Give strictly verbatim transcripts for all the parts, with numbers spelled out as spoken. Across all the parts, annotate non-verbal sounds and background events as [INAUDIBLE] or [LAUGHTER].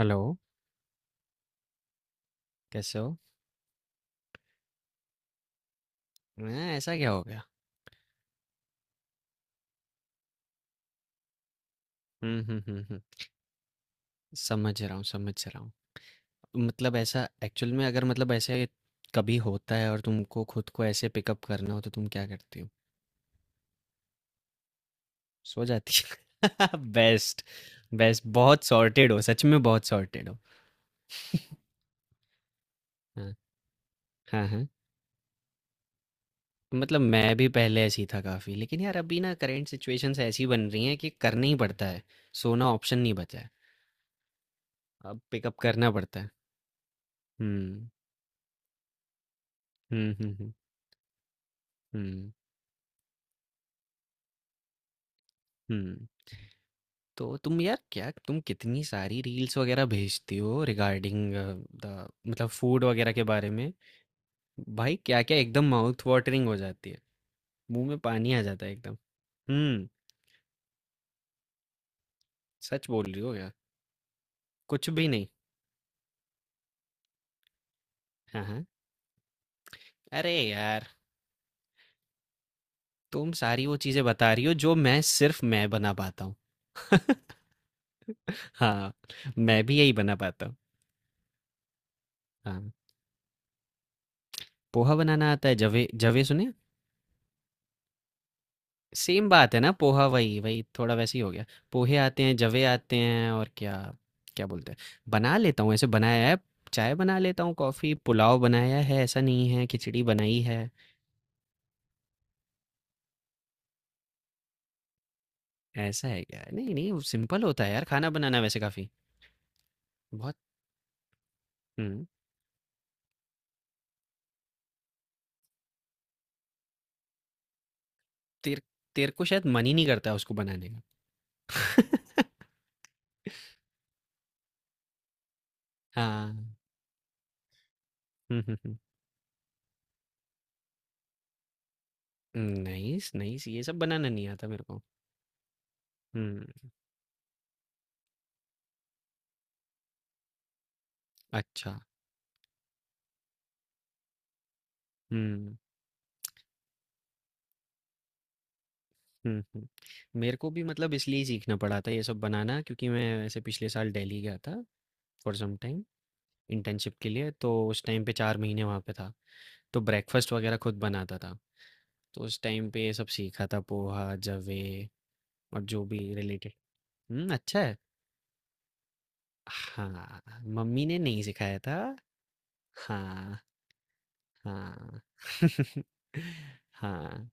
Hello. कैसे हो? मैं, ऐसा क्या हो गया? हम्म, हम्म, हम्म, हम्म। समझ रहा हूँ, समझ रहा हूँ। मतलब ऐसा, एक्चुअल में अगर मतलब ऐसे कभी होता है और तुमको खुद को ऐसे पिकअप करना हो तो तुम क्या करती हो? सो जाती हो? [LAUGHS] बेस्ट। बेस्ट, बहुत सॉर्टेड हो, सच में बहुत सॉर्टेड हो। हाँ, हाँ, हाँ। मतलब मैं भी पहले ऐसी था काफी, लेकिन यार अभी ना करंट सिचुएशंस ऐसी बन रही हैं कि करना ही पड़ता है। सोना ऑप्शन नहीं बचा है, अब पिकअप करना पड़ता है। हम्म, हम्म, हम्म, हम्म, हम्म, हम्म। तो तुम यार, क्या तुम कितनी सारी रील्स वगैरह भेजती हो रिगार्डिंग द, मतलब फूड वगैरह के बारे में। भाई, क्या क्या एकदम माउथ वाटरिंग हो जाती है, मुंह में पानी आ जाता है एकदम। हम्म। सच बोल रही हो क्या? कुछ भी नहीं? हाँ, हाँ। अरे यार, तुम सारी वो चीजें बता रही हो जो मैं सिर्फ मैं बना पाता हूँ। हाँ, मैं भी यही बना पाता हूँ। हाँ, पोहा बनाना आता है, जवे जवे सुने। सेम बात है ना, पोहा वही वही, थोड़ा वैसे ही हो गया। पोहे आते हैं, जवे आते हैं, और क्या क्या बोलते हैं, बना लेता हूँ, ऐसे बनाया है। चाय बना लेता हूँ, कॉफी, पुलाव बनाया है, ऐसा नहीं है, खिचड़ी बनाई है। ऐसा है क्या? नहीं नहीं, वो सिंपल होता है यार, खाना बनाना वैसे काफी, बहुत। हम्म। तेर तेरे को शायद मन ही नहीं करता उसको बनाने का। हाँ। [LAUGHS] हम्म, हम्म, नाइस नाइस, ये सब बनाना नहीं आता मेरे को। हम्म, अच्छा। हम्म, हुँ, हुँ। मेरे को भी मतलब इसलिए सीखना पड़ा था ये सब बनाना, क्योंकि मैं ऐसे पिछले साल दिल्ली गया था फॉर सम टाइम, इंटर्नशिप के लिए, तो उस टाइम पे चार महीने वहाँ पे था। तो ब्रेकफ़ास्ट वग़ैरह खुद बनाता था, तो उस टाइम पे ये सब सीखा था, पोहा, जवे और जो भी रिलेटेड। हुँ, अच्छा है। हाँ, मम्मी ने नहीं सिखाया था। हाँ, हाँ। [LAUGHS] हाँ।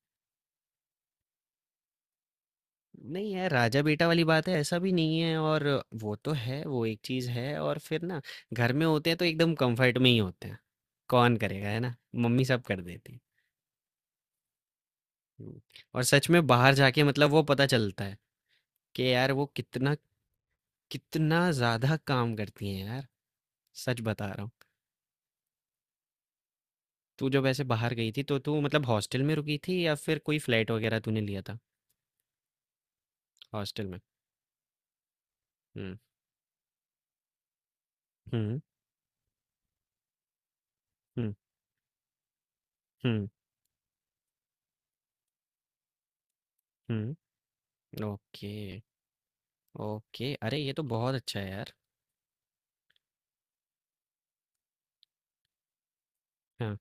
नहीं यार, राजा बेटा वाली बात है, ऐसा भी नहीं है। और वो तो है, वो एक चीज है, और फिर ना घर में होते हैं तो एकदम कंफर्ट में ही होते हैं। कौन करेगा, है ना, मम्मी सब कर देती है। हम्म, और सच में बाहर जाके मतलब वो पता चलता है कि यार वो कितना, कितना ज्यादा काम करती हैं यार, सच बता रहा हूँ। तू जब ऐसे बाहर गई थी तो तू मतलब हॉस्टल में रुकी थी या फिर कोई फ्लैट वगैरह तूने लिया था? हॉस्टल में। हम्म, हम्म, हम्म, हम्म, हम्म। Okay, okay. अरे ये तो बहुत अच्छा है यार। हाँ,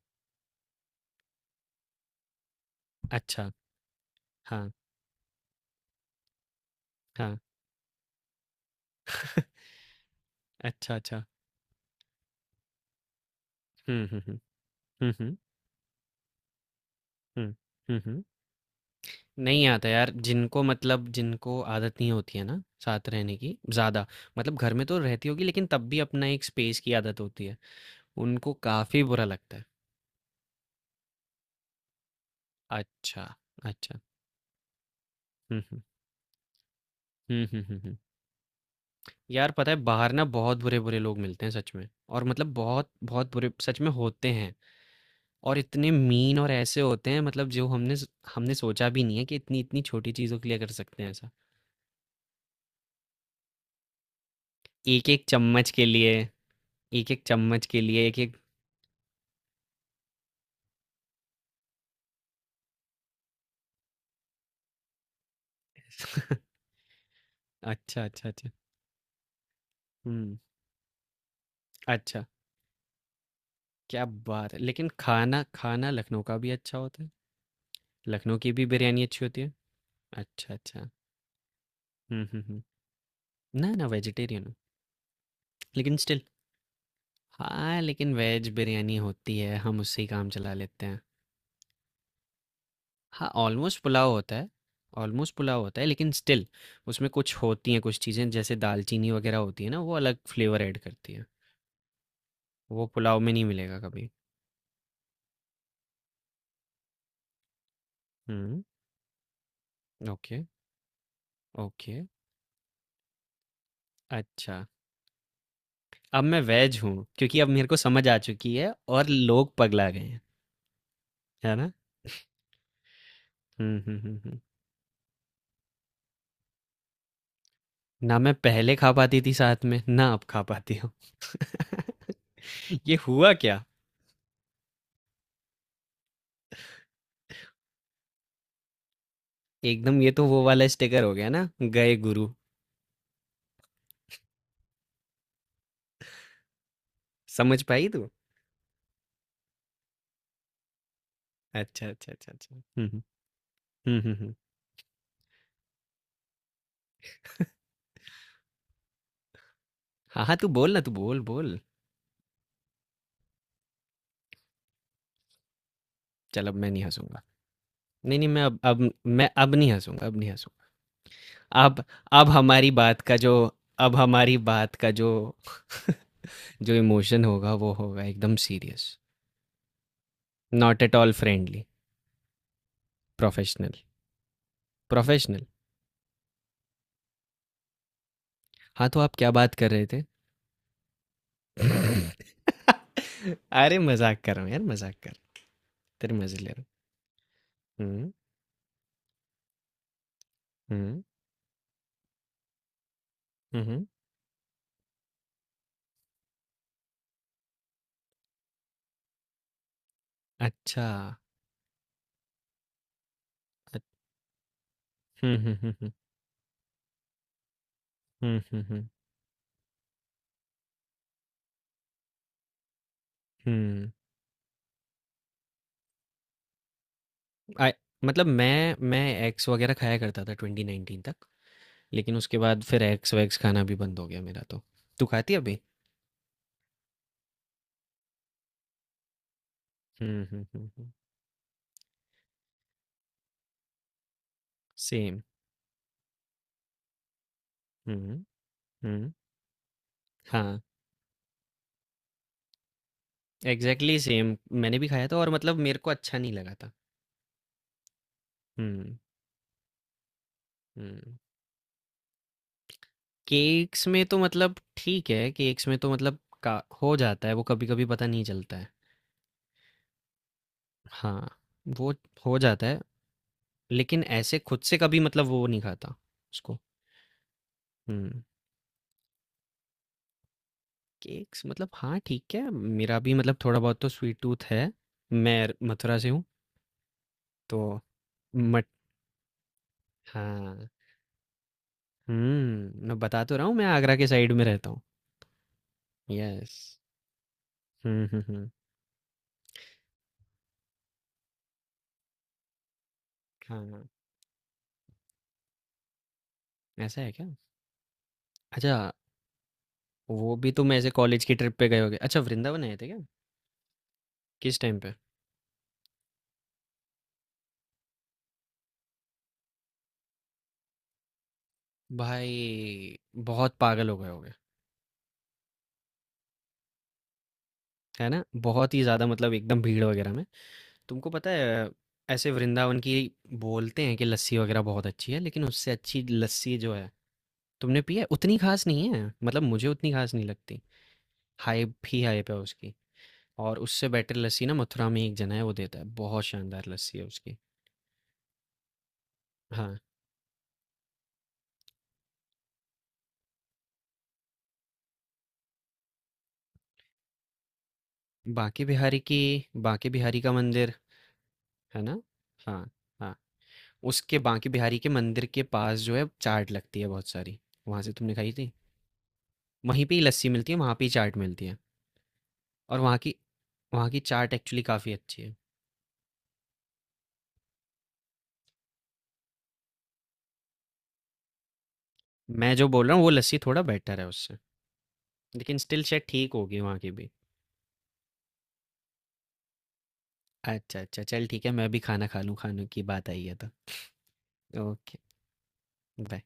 अच्छा, हाँ, हाँ। अच्छा, अच्छा। हुँ, हुँ, हुँ। हुँ, हुँ, हुँ। हुँ, हुँ। नहीं आता यार, जिनको मतलब जिनको आदत नहीं होती है ना साथ रहने की ज़्यादा, मतलब घर में तो रहती होगी लेकिन तब भी अपना एक स्पेस की आदत होती है, उनको काफ़ी बुरा लगता है। अच्छा, अच्छा। हुँ, हुँ। हुँ, हुँ, हुँ, हुँ। यार पता है, बाहर ना बहुत बुरे-बुरे लोग मिलते हैं सच में, और मतलब बहुत बहुत बुरे सच में होते हैं, और इतने मीन और ऐसे होते हैं मतलब जो हमने स हमने सोचा भी नहीं है, कि इतनी-इतनी छोटी चीज़ों के लिए कर सकते हैं ऐसा। एक एक चम्मच के लिए, एक एक चम्मच के लिए, एक एक। [LAUGHS] अच्छा, अच्छा, अच्छा। हुँ, अच्छा, क्या बात है! लेकिन खाना, खाना लखनऊ का भी अच्छा होता है? लखनऊ की भी बिरयानी अच्छी होती है? अच्छा, अच्छा। हुँ, हुँ, हुँ। ना, ना वेजिटेरियन हूँ, लेकिन स्टिल, हाँ, लेकिन वेज बिरयानी होती है, हम उससे ही काम चला लेते हैं। हाँ, ऑलमोस्ट पुलाव होता है, ऑलमोस्ट पुलाव होता है, लेकिन स्टिल उसमें कुछ होती हैं कुछ चीज़ें जैसे दालचीनी वगैरह होती है ना, वो अलग फ्लेवर ऐड करती है। वो पुलाव में नहीं मिलेगा कभी। हुँ। Okay, okay. अच्छा, अब मैं वेज हूँ क्योंकि अब मेरे को समझ आ चुकी है और लोग पगला गए हैं, है ना? हुँ, हुँ, हुँ, हुँ। ना मैं पहले खा पाती थी साथ में, ना अब खा पाती हूँ। [LAUGHS] ये हुआ क्या? एकदम, ये तो वो वाला स्टिकर हो गया ना, गए गुरु। समझ पाई तू? अच्छा, अच्छा, अच्छा, अच्छा। हुँ, हुँ। हुँ, हुँ, हुँ। हाँ, हाँ, तू बोल ना, तू बोल, बोल। चल, अब मैं नहीं हँसूँगा। नहीं, नहीं, मैं अब अब मैं अब नहीं हँसूँगा, अब नहीं हँसूँगा। अब अब हमारी बात का जो अब हमारी बात का जो [LAUGHS] जो इमोशन होगा वो होगा, एकदम serious, not at all friendly. Professional professional हाँ, तो आप क्या बात कर रहे थे? [LAUGHS] अरे मजाक कर रहा हूँ यार, मजाक कर, तेरे मजे ले रहा हूँ। हम्म, हम्म, हम्म, अच्छा, अच- हम्म, हम्म, हम्म, हम्म, हम्म, हम्म, हम्म। I- मतलब मैं मैं एक्स वगैरह खाया करता था ट्वेंटी नाइनटीन तक, लेकिन उसके बाद फिर एक्स वैक्स खाना भी बंद हो गया मेरा। तो तू खाती है अभी? हम्म, हम्म, हम्म। सेम। हम्म same, हम्म, हम्म, हाँ। एग्ज़ैक्टली सेम, मैंने भी खाया था और मतलब मेरे को अच्छा नहीं लगा था। हुँ, हुँ। केक्स में तो मतलब ठीक है, केक्स में तो मतलब का हो जाता है, वो कभी-कभी पता नहीं चलता है। हाँ, वो हो जाता है, लेकिन ऐसे खुद से कभी मतलब वो नहीं खाता उसको। हुँ, केक्स मतलब हाँ, ठीक है, मेरा भी मतलब थोड़ा बहुत तो स्वीट टूथ है। मैं मथुरा से हूँ, तो मट हाँ, हुँ, मैं बता तो रहा हूँ, मैं आगरा के साइड में रहता हूँ। यस। हुँ, हुँ, हुँ। हाँ। ऐसा है क्या? अच्छा, वो भी तुम ऐसे कॉलेज की ट्रिप पे गए होगे। अच्छा, वृंदावन आए थे क्या? किस टाइम पे? भाई, बहुत पागल हो गए होगे, है ना? बहुत ही ज़्यादा मतलब एकदम भीड़ वगैरह में। तुमको पता है ऐसे, वृंदावन की बोलते हैं कि लस्सी वगैरह बहुत अच्छी है, लेकिन उससे अच्छी लस्सी जो है तुमने पी है उतनी खास नहीं है। मतलब मुझे उतनी खास नहीं लगती। हाइप ही हाइप है उसकी। और उससे बेटर लस्सी ना मथुरा में एक जना है, वो देता है। बहुत शानदार लस्सी है उसकी। हाँ, बांके बिहारी की, बांके बिहारी का मंदिर, है ना? हाँ, हाँ। उसके बांके बिहारी के मंदिर के पास जो है, चाट लगती है बहुत सारी। वहाँ से तुमने खाई थी? वहीं पे ही लस्सी मिलती है, वहाँ पे ही चाट मिलती है, और वहाँ की वहाँ की चाट एक्चुअली काफ़ी अच्छी है। मैं जो बोल रहा हूँ, वो लस्सी थोड़ा बेटर है उससे, लेकिन स्टिल शायद ठीक होगी वहाँ की भी। अच्छा, अच्छा। चल ठीक है, मैं भी खाना खा लूँ, खाने की बात आई है तो। Okay, bye.